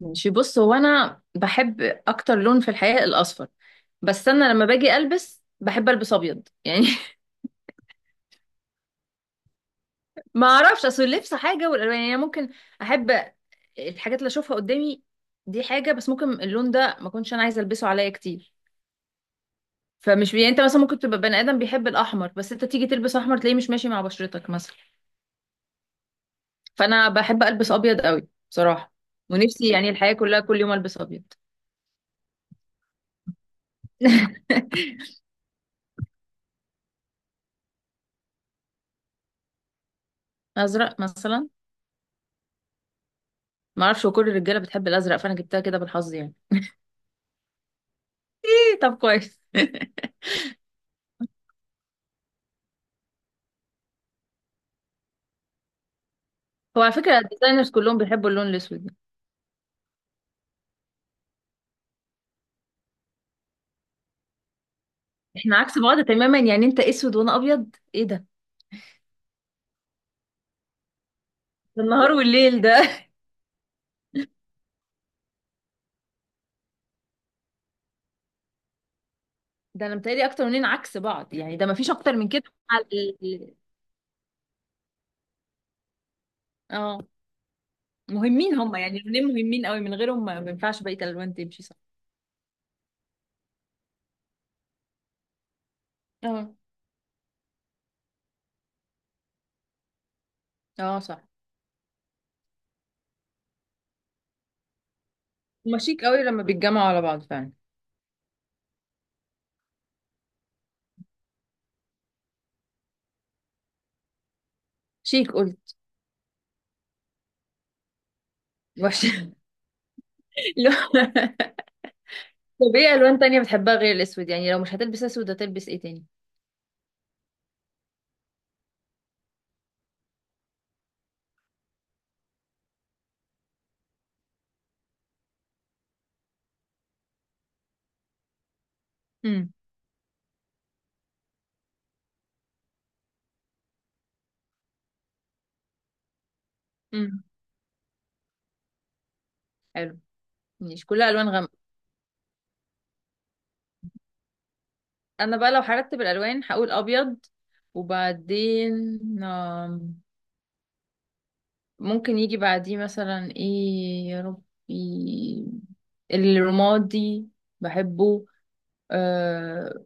ماشي. بص، هو انا بحب اكتر لون في الحقيقه الاصفر، بس انا لما باجي البس بحب البس ابيض يعني. ما اعرفش، اصل اللبس حاجه والالوان يعني. أنا ممكن احب الحاجات اللي اشوفها قدامي دي حاجه، بس ممكن اللون ده ما كنتش انا عايزه البسه عليا كتير. يعني انت مثلا ممكن تبقى بني ادم بيحب الاحمر، بس انت تيجي تلبس احمر تلاقيه مش ماشي مع بشرتك مثلا. فانا بحب البس ابيض قوي بصراحه، ونفسي يعني الحياه كلها كل يوم البس ابيض. ازرق مثلا. ما اعرفش، كل الرجاله بتحب الازرق فانا جبتها كده بالحظ يعني. إيه طب، كويس. هو على فكره الديزاينرز كلهم بيحبوا اللون الاسود ده. احنا عكس بعض تماما، يعني انت اسود وانا ابيض، ايه ده؟ ده النهار والليل ده. ده انا متهيألي اكتر مننا عكس بعض، يعني ده ما فيش اكتر من كده. على ال- اه. مهمين هم يعني، اللونين مهمين قوي، من غيرهم ما ينفعش بقيه الالوان تمشي صح. اه. اه صح. هما شيك قوي لما بيتجمعوا على بعض فعلا. شيك قلت. وحش. لو- طب ايه الوان تانية بتحبها غير الاسود؟ يعني لو مش هتلبس اسود هتلبس ايه تاني؟ امم. حلو. ماشي، كلها الوان غامقه. انا بقى لو هرتب الالوان هقول ابيض وبعدين، آم، ممكن يجي بعديه مثلا ايه يا ربي، الرمادي، بحبه. أه.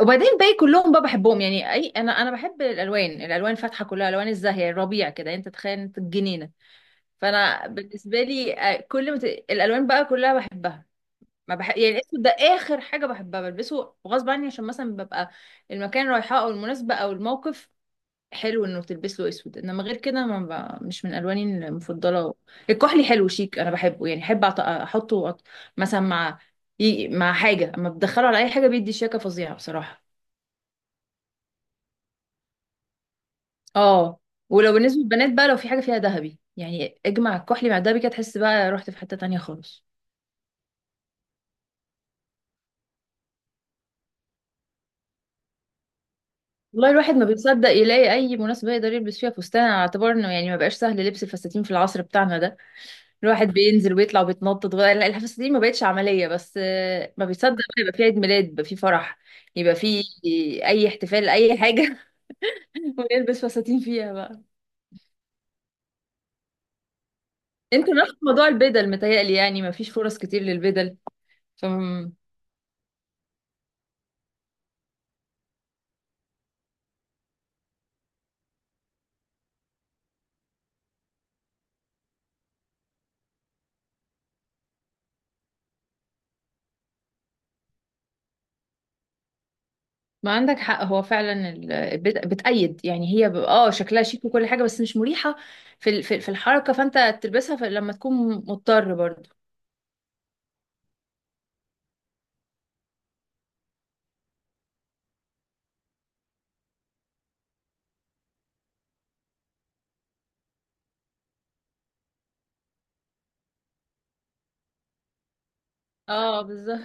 وبعدين باقي كلهم بقى بحبهم، يعني اي، انا بحب الالوان، الالوان فاتحه كلها، الوان الزاهيه الربيع كده يعني، انت تخيل انت الجنينه. فانا بالنسبه لي كل الالوان بقى كلها بحبها. ما بح... يعني الاسود ده اخر حاجه بحبها، بلبسه غصب عني عشان مثلا ببقى المكان رايحاه او المناسبه او الموقف حلو انه تلبس له اسود، انما غير كده ما ب... مش من الواني المفضله. الكحلي حلو شيك، انا بحبه. يعني احب احطه مثلا مع مع حاجه، اما بدخله على اي حاجه بيدي شياكه فظيعه بصراحه. اه. ولو بالنسبه للبنات بقى، لو في حاجه فيها ذهبي يعني اجمع الكحلي مع الذهبي كده، تحس بقى رحت في حته تانية خالص. والله الواحد ما بيصدق يلاقي اي مناسبه يقدر يلبس فيها فستان، على اعتبار انه يعني ما بقاش سهل لبس الفساتين في العصر بتاعنا ده. الواحد بينزل ويطلع وبيتنطط، ولا لا، الفساتين ما بقتش عمليه، بس ما بيصدق بقى يبقى في عيد ميلاد، يبقى في فرح، يبقى في اي احتفال اي حاجه، ويلبس فساتين فيها بقى. انت نفس موضوع البدل متهيألي، يعني ما فيش فرص كتير للبدل، فما. ما عندك حق، هو فعلا بتأيد، يعني هي اه شكلها شيك وكل حاجة بس مش مريحة في الحركة، فانت تلبسها لما تكون مضطر برضو. اه بالظبط.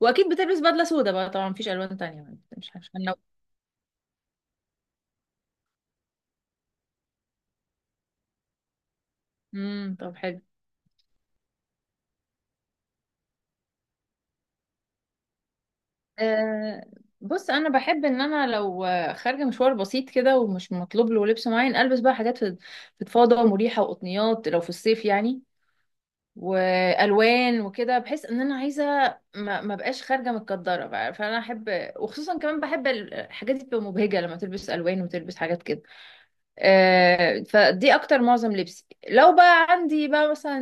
واكيد بتلبس بدلة سودا بقى طبعا، مفيش الوان تانية، مش هنلو. طب حلو. آه. بص انا بحب ان انا لو خارجه مشوار بسيط كده ومش مطلوب له لبس معين، البس بقى حاجات فضفاضه ومريحه وقطنيات لو في الصيف يعني، والوان وكده. بحس ان انا عايزه ما بقاش خارجه متكدره بقى، فانا احب، وخصوصا كمان بحب الحاجات دي بتبقى مبهجه لما تلبس الوان وتلبس حاجات كده. فدي اكتر معظم لبسي. لو بقى عندي بقى مثلا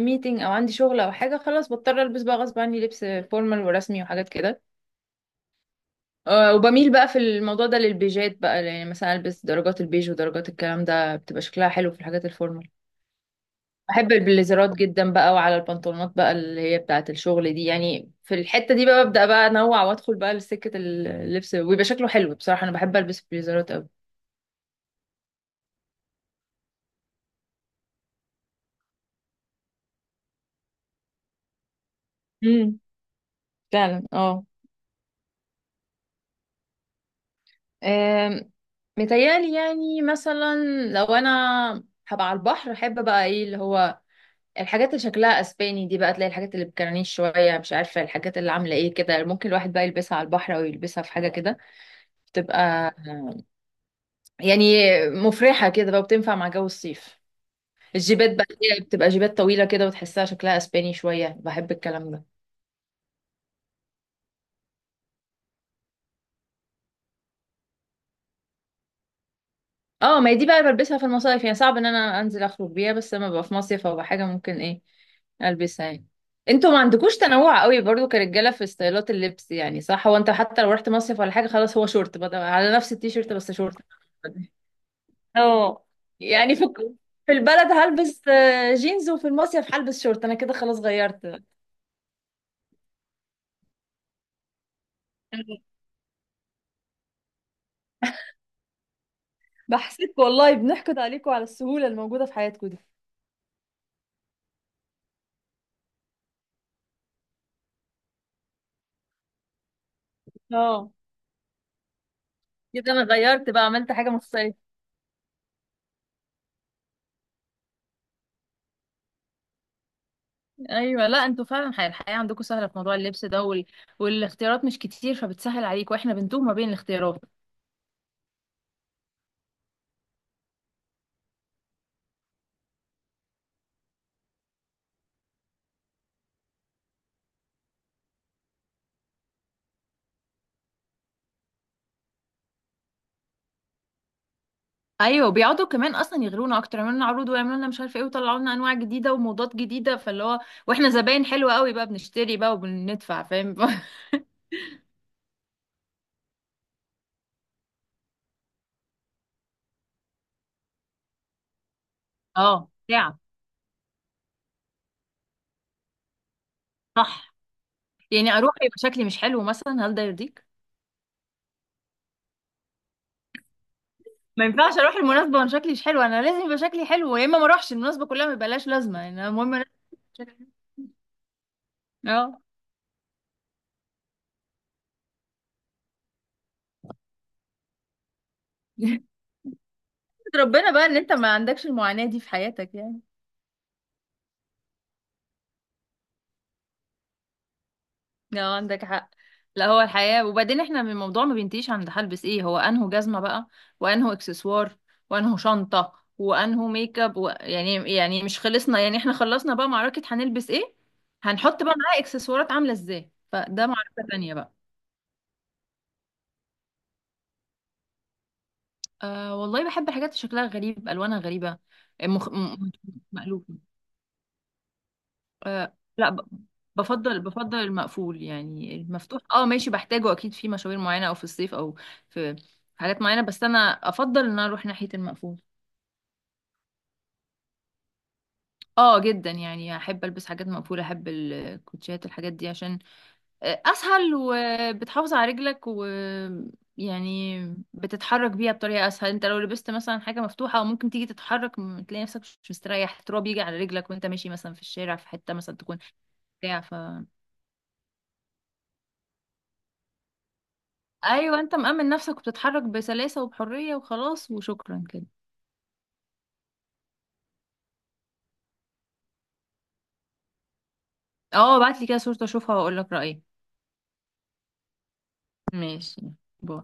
ميتنج او عندي شغل او حاجه، خلاص بضطر البس بقى غصب عني لبس فورمال ورسمي وحاجات كده. وبميل بقى في الموضوع ده للبيجات بقى، يعني مثلا البس درجات البيج ودرجات الكلام ده، بتبقى شكلها حلو في الحاجات الفورمال. بحب البليزرات جدا بقى، وعلى البنطلونات بقى اللي هي بتاعة الشغل دي، يعني في الحتة دي بقى ببدأ بقى انوع وادخل بقى لسكة اللبس، ويبقى شكله حلو بصراحة. انا بحب البس البليزرات قوي. امم. فعلا اه. آم، متهيألي يعني مثلا لو انا هبقى على البحر، احب بقى ايه اللي هو الحاجات اللي شكلها اسباني دي بقى، تلاقي الحاجات اللي بكرانيش شوية، مش عارفة الحاجات اللي عاملة ايه كده، ممكن الواحد بقى يلبسها على البحر او يلبسها في حاجة كده. بتبقى يعني مفرحة كده بقى، وبتنفع مع جو الصيف. الجيبات بقى اللي هي بتبقى جيبات طويلة كده وتحسها شكلها اسباني شوية، بحب الكلام ده. اه. ما هي دي بقى بلبسها في المصايف يعني، صعب ان انا انزل اخرج بيها، بس لما ببقى في مصيف او حاجة ممكن ايه البسها يعني. انتوا ما عندكوش تنوع قوي برضو كرجالة في ستايلات اللبس يعني، صح، هو انت حتى لو رحت مصيف ولا حاجة، خلاص هو شورت، بدل على نفس التيشيرت بس شورت. اه. يعني في البلد هلبس جينز، وفي المصيف هلبس شورت، انا كده خلاص غيرت. بحسك والله بنحقد عليكم على السهولة الموجودة في حياتكم دي. اه. كده انا غيرت بقى، عملت حاجه مختلفه. ايوه. لا انتوا فعلا الحياه عندكم سهله في موضوع اللبس ده والاختيارات مش كتير، فبتسهل عليك، واحنا بنتوه ما بين الاختيارات. ايوه بيقعدوا كمان اصلا يغرونا اكتر، يعملوا لنا عروض ويعملوا لنا مش عارفه ايه، ويطلعوا لنا انواع جديده وموضات جديده، فاللي هو، واحنا زباين حلوه قوي بقى، بنشتري بقى وبندفع فاهم. اه ساعة، صح، يعني اروح يبقى شكلي مش حلو مثلا، هل ده يرضيك؟ ما ينفعش اروح المناسبه وانا شكلي مش حلو، انا لازم يبقى شكلي حلو، يا اما ما اروحش المناسبه كلها ما يبقاش لازمه يعني، المهم انا شكلي حلو. اه. ربنا بقى ان انت ما عندكش المعاناة دي في حياتك يعني. لا عندك حق. لا هو الحياة، وبعدين احنا من الموضوع ما بينتهيش عند هلبس ايه، هو انه جزمة بقى، وانه اكسسوار، وانه شنطة، وانه ميك اب يعني يعني مش خلصنا يعني، احنا خلصنا بقى معركة هنلبس ايه، هنحط بقى معاه اكسسوارات عاملة ازاي، فده معركة تانية بقى. آه والله بحب حاجات شكلها غريب الوانها غريبة. مخ... م... م- مألوفة. آه لا ب- بفضل المقفول يعني، المفتوح اه ماشي بحتاجه اكيد في مشاوير معينه او في الصيف او في حاجات معينه، بس انا افضل ان انا اروح ناحيه المقفول. اه جدا يعني، احب البس حاجات مقفوله، احب الكوتشيات الحاجات دي عشان اسهل، وبتحافظ على رجلك و، يعني بتتحرك بيها بطريقه اسهل. انت لو لبست مثلا حاجه مفتوحه، او ممكن تيجي تتحرك تلاقي نفسك مش مستريح، تراب يجي على رجلك وانت ماشي مثلا في الشارع في حته مثلا تكون بتاع. ايوه انت مأمن نفسك وبتتحرك بسلاسة وبحرية وخلاص وشكرا كده. اه ابعت لي كده صورة اشوفها واقول لك رأيي. ماشي. باي.